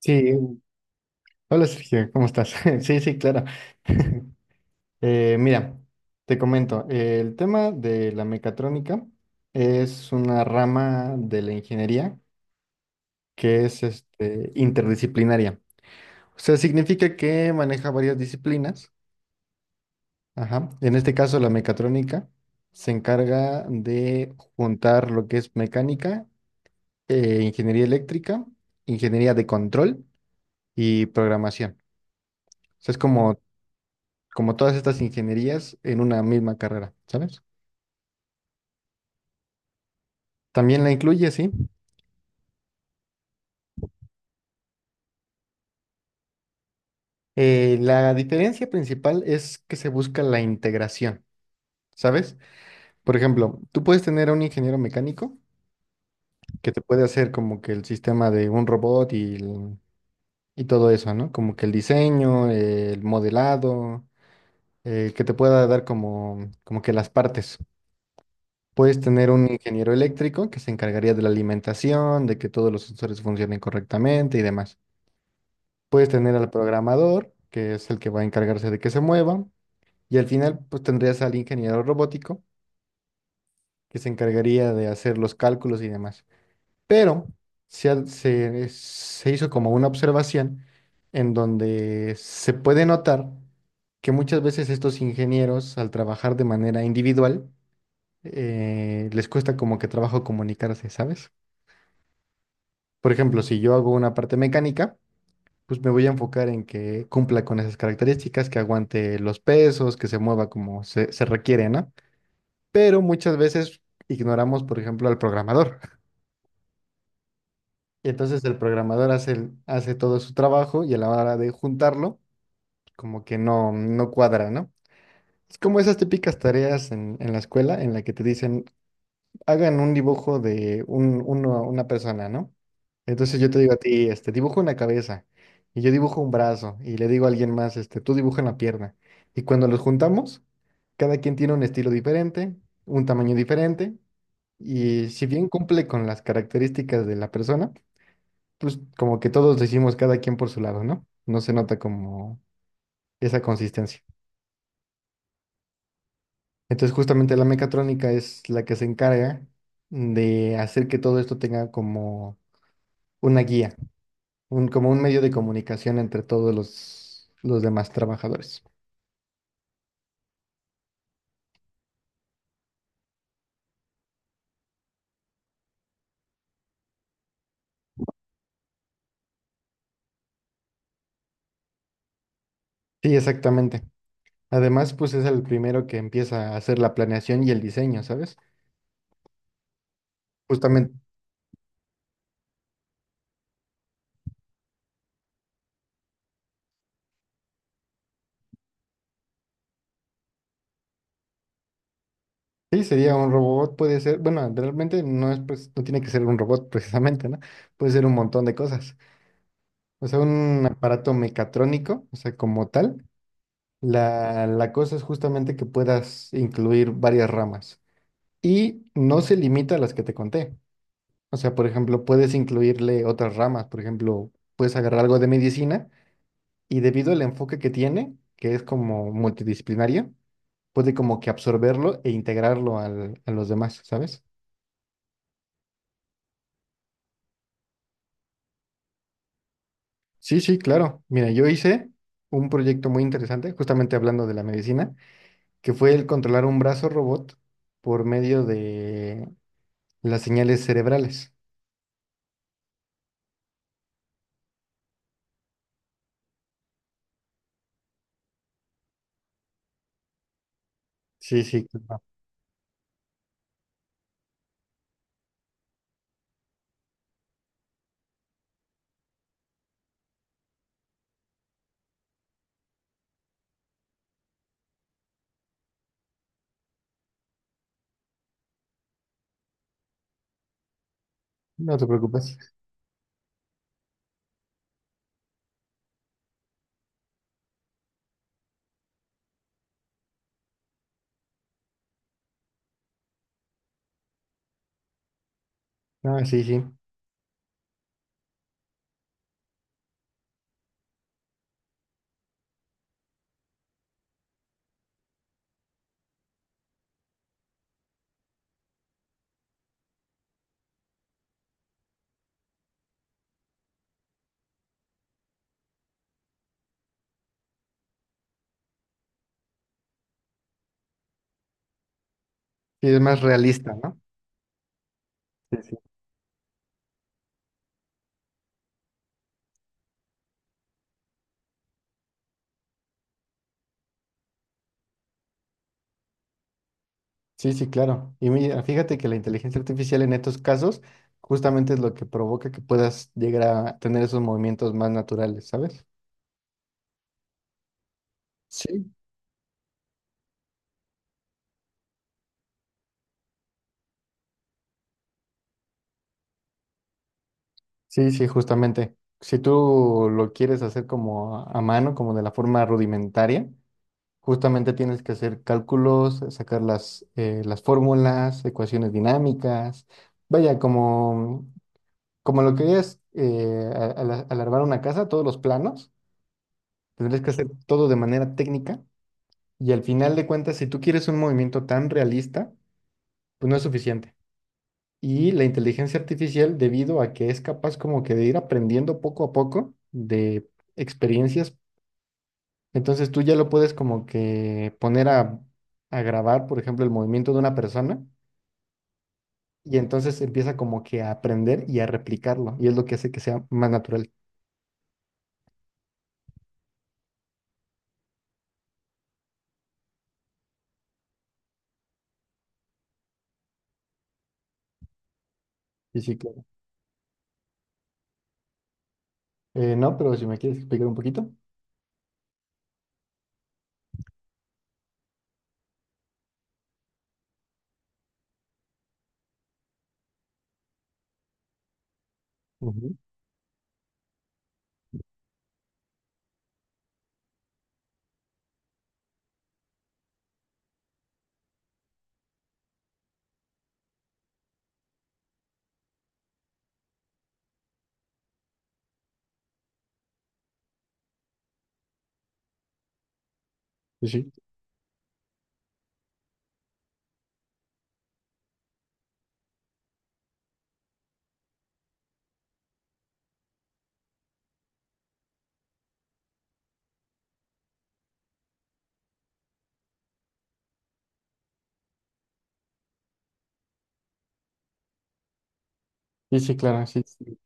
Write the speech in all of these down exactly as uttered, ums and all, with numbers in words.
Sí, hola Sergio, ¿cómo estás? Sí, sí, claro. Eh, mira, te comento, eh, el tema de la mecatrónica es una rama de la ingeniería que es este, interdisciplinaria. O sea, significa que maneja varias disciplinas. Ajá. En este caso, la mecatrónica se encarga de juntar lo que es mecánica, eh, ingeniería eléctrica, ingeniería de control y programación. O sea, es Mm. como como todas estas ingenierías, en una misma carrera, ¿sabes? También la incluye, sí. Eh, la diferencia principal es que se busca la integración, ¿sabes? Por ejemplo, tú puedes tener a un ingeniero mecánico que te puede hacer como que el sistema de un robot y, el- y todo eso, ¿no? Como que el diseño, eh, el modelado, eh, que te pueda dar como, como que las partes. Puedes tener un ingeniero eléctrico que se encargaría de la alimentación, de que todos los sensores funcionen correctamente y demás. Puedes tener al programador, que es el que va a encargarse de que se mueva, y al final pues tendrías al ingeniero robótico, que se encargaría de hacer los cálculos y demás. Pero se, ha- se, se hizo como una observación en donde se puede notar que muchas veces estos ingenieros, al trabajar de manera individual, eh, les cuesta como que trabajo comunicarse, ¿sabes? Por ejemplo, si yo hago una parte mecánica, pues me voy a enfocar en que cumpla con esas características, que aguante los pesos, que se mueva como se, se requiere, ¿no? Pero muchas veces ignoramos, por ejemplo, al programador. Y entonces el programador hace, el- hace todo su trabajo y a la hora de juntarlo, como que no, no cuadra, ¿no? Es como esas típicas tareas en, en la escuela en la que te dicen, hagan un dibujo de un, uno- una persona, ¿no? Entonces yo te digo a ti, este, dibujo una cabeza y yo dibujo un brazo y le digo a alguien más, este, tú dibuja una pierna. Y cuando los juntamos, cada quien tiene un estilo diferente, un tamaño diferente y si bien cumple con las características de la persona, pues como que todos decimos cada quien por su lado, ¿no? No se nota como esa consistencia. Entonces justamente la mecatrónica es la que se encarga de hacer que todo esto tenga como una guía, un, como un medio de comunicación entre todos los, los demás trabajadores. Sí, exactamente. Además, pues es el primero que empieza a hacer la planeación y el diseño, ¿sabes? Justamente, sí, sería un robot, puede ser, bueno, realmente no es, pues, no tiene que ser un robot precisamente, ¿no? Puede ser un montón de cosas. O sea, un aparato mecatrónico, o sea, como tal, la, la cosa es justamente que puedas incluir varias ramas y no se limita a las que te conté. O sea, por ejemplo, puedes incluirle otras ramas, por ejemplo, puedes agarrar algo de medicina y debido al enfoque que tiene, que es como multidisciplinario, puede como que absorberlo e integrarlo al- a los demás, ¿sabes? Sí, sí, claro. Mira, yo hice un proyecto muy interesante, justamente hablando de la medicina, que fue el controlar un brazo robot por medio de las señales cerebrales. Sí, sí, claro. No te preocupes. Ah, sí, sí. Sí, es más realista, ¿no? Sí, sí. Sí, sí, claro. Y mira, fíjate que la inteligencia artificial en estos casos justamente es lo que provoca que puedas llegar a tener esos movimientos más naturales, ¿sabes? Sí. Sí, sí, justamente. Si tú lo quieres hacer como a a mano, como de la forma rudimentaria, justamente tienes que hacer cálculos, sacar las, eh, las fórmulas, ecuaciones dinámicas, vaya, como, como lo que es eh, a- a la- alargar una casa, todos los planos, tendrías que hacer todo de manera técnica. Y al final de cuentas, si tú quieres un movimiento tan realista, pues no es suficiente. Y la inteligencia artificial, debido a que es capaz como que de ir aprendiendo poco a poco de experiencias, entonces tú ya lo puedes como que poner a, a grabar, por ejemplo, el movimiento de una persona y entonces empieza como que a aprender y a replicarlo. Y es lo que hace que sea más natural. Y sí, claro. Eh, no, pero si me quieres explicar un poquito. Ujú. Sí, sí. Sí, sí, claro, sí. Sí,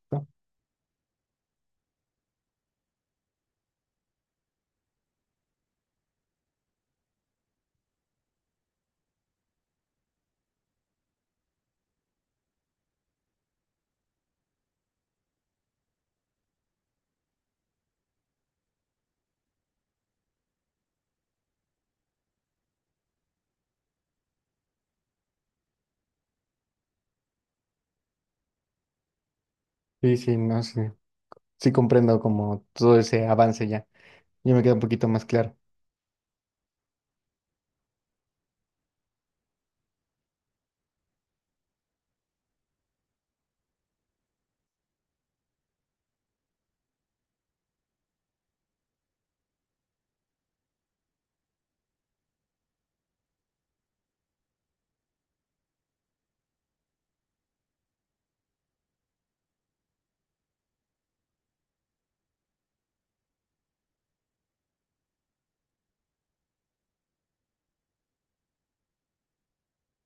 sí, sí, no, sí. Sí, comprendo como todo ese avance ya. Yo me queda un poquito más claro.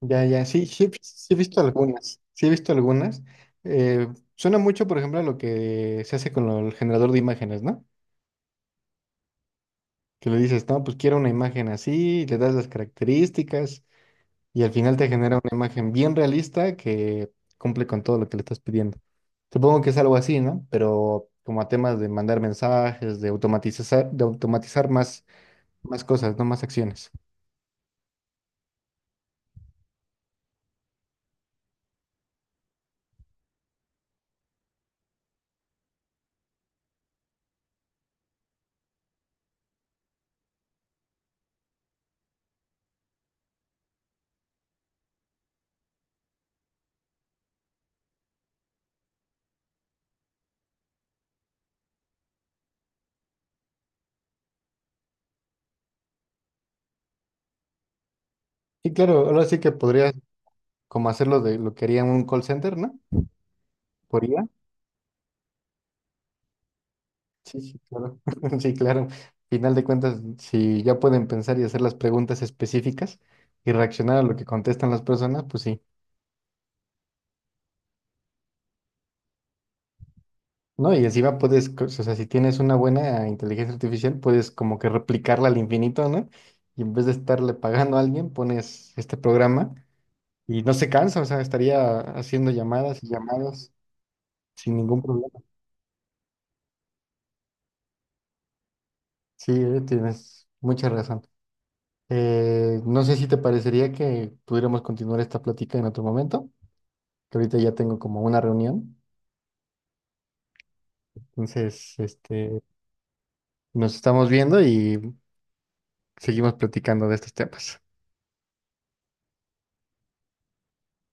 Ya, ya, sí, sí, he vis- sí he visto algunas, sí he visto algunas. Eh, suena mucho, por ejemplo, a lo que se hace con lo- el generador de imágenes, ¿no? Que le dices, no, pues quiero una imagen así, le das las características y al final te genera una imagen bien realista que cumple con todo lo que le estás pidiendo. Supongo que es algo así, ¿no? Pero como a temas de mandar mensajes, de automatizar, de automatizar más, más cosas, ¿no? Más acciones. Y claro, ahora sí que podrías como hacerlo de lo que haría en un call center, ¿no? ¿Por I A? Sí, sí, claro. Sí, claro. Final de cuentas, si ya pueden pensar y hacer las preguntas específicas y reaccionar a lo que contestan las personas, pues sí. No, y encima puedes, co- o sea, si tienes una buena inteligencia artificial, puedes como que replicarla al infinito, ¿no? Y en vez de estarle pagando a alguien, pones este programa y no se cansa, o sea, estaría haciendo llamadas y llamadas sin ningún problema. Sí, eh, tienes mucha razón. Eh, no sé si te parecería que pudiéramos continuar esta plática en otro momento, que ahorita ya tengo como una reunión. Entonces, este, nos estamos viendo y seguimos platicando de estos temas.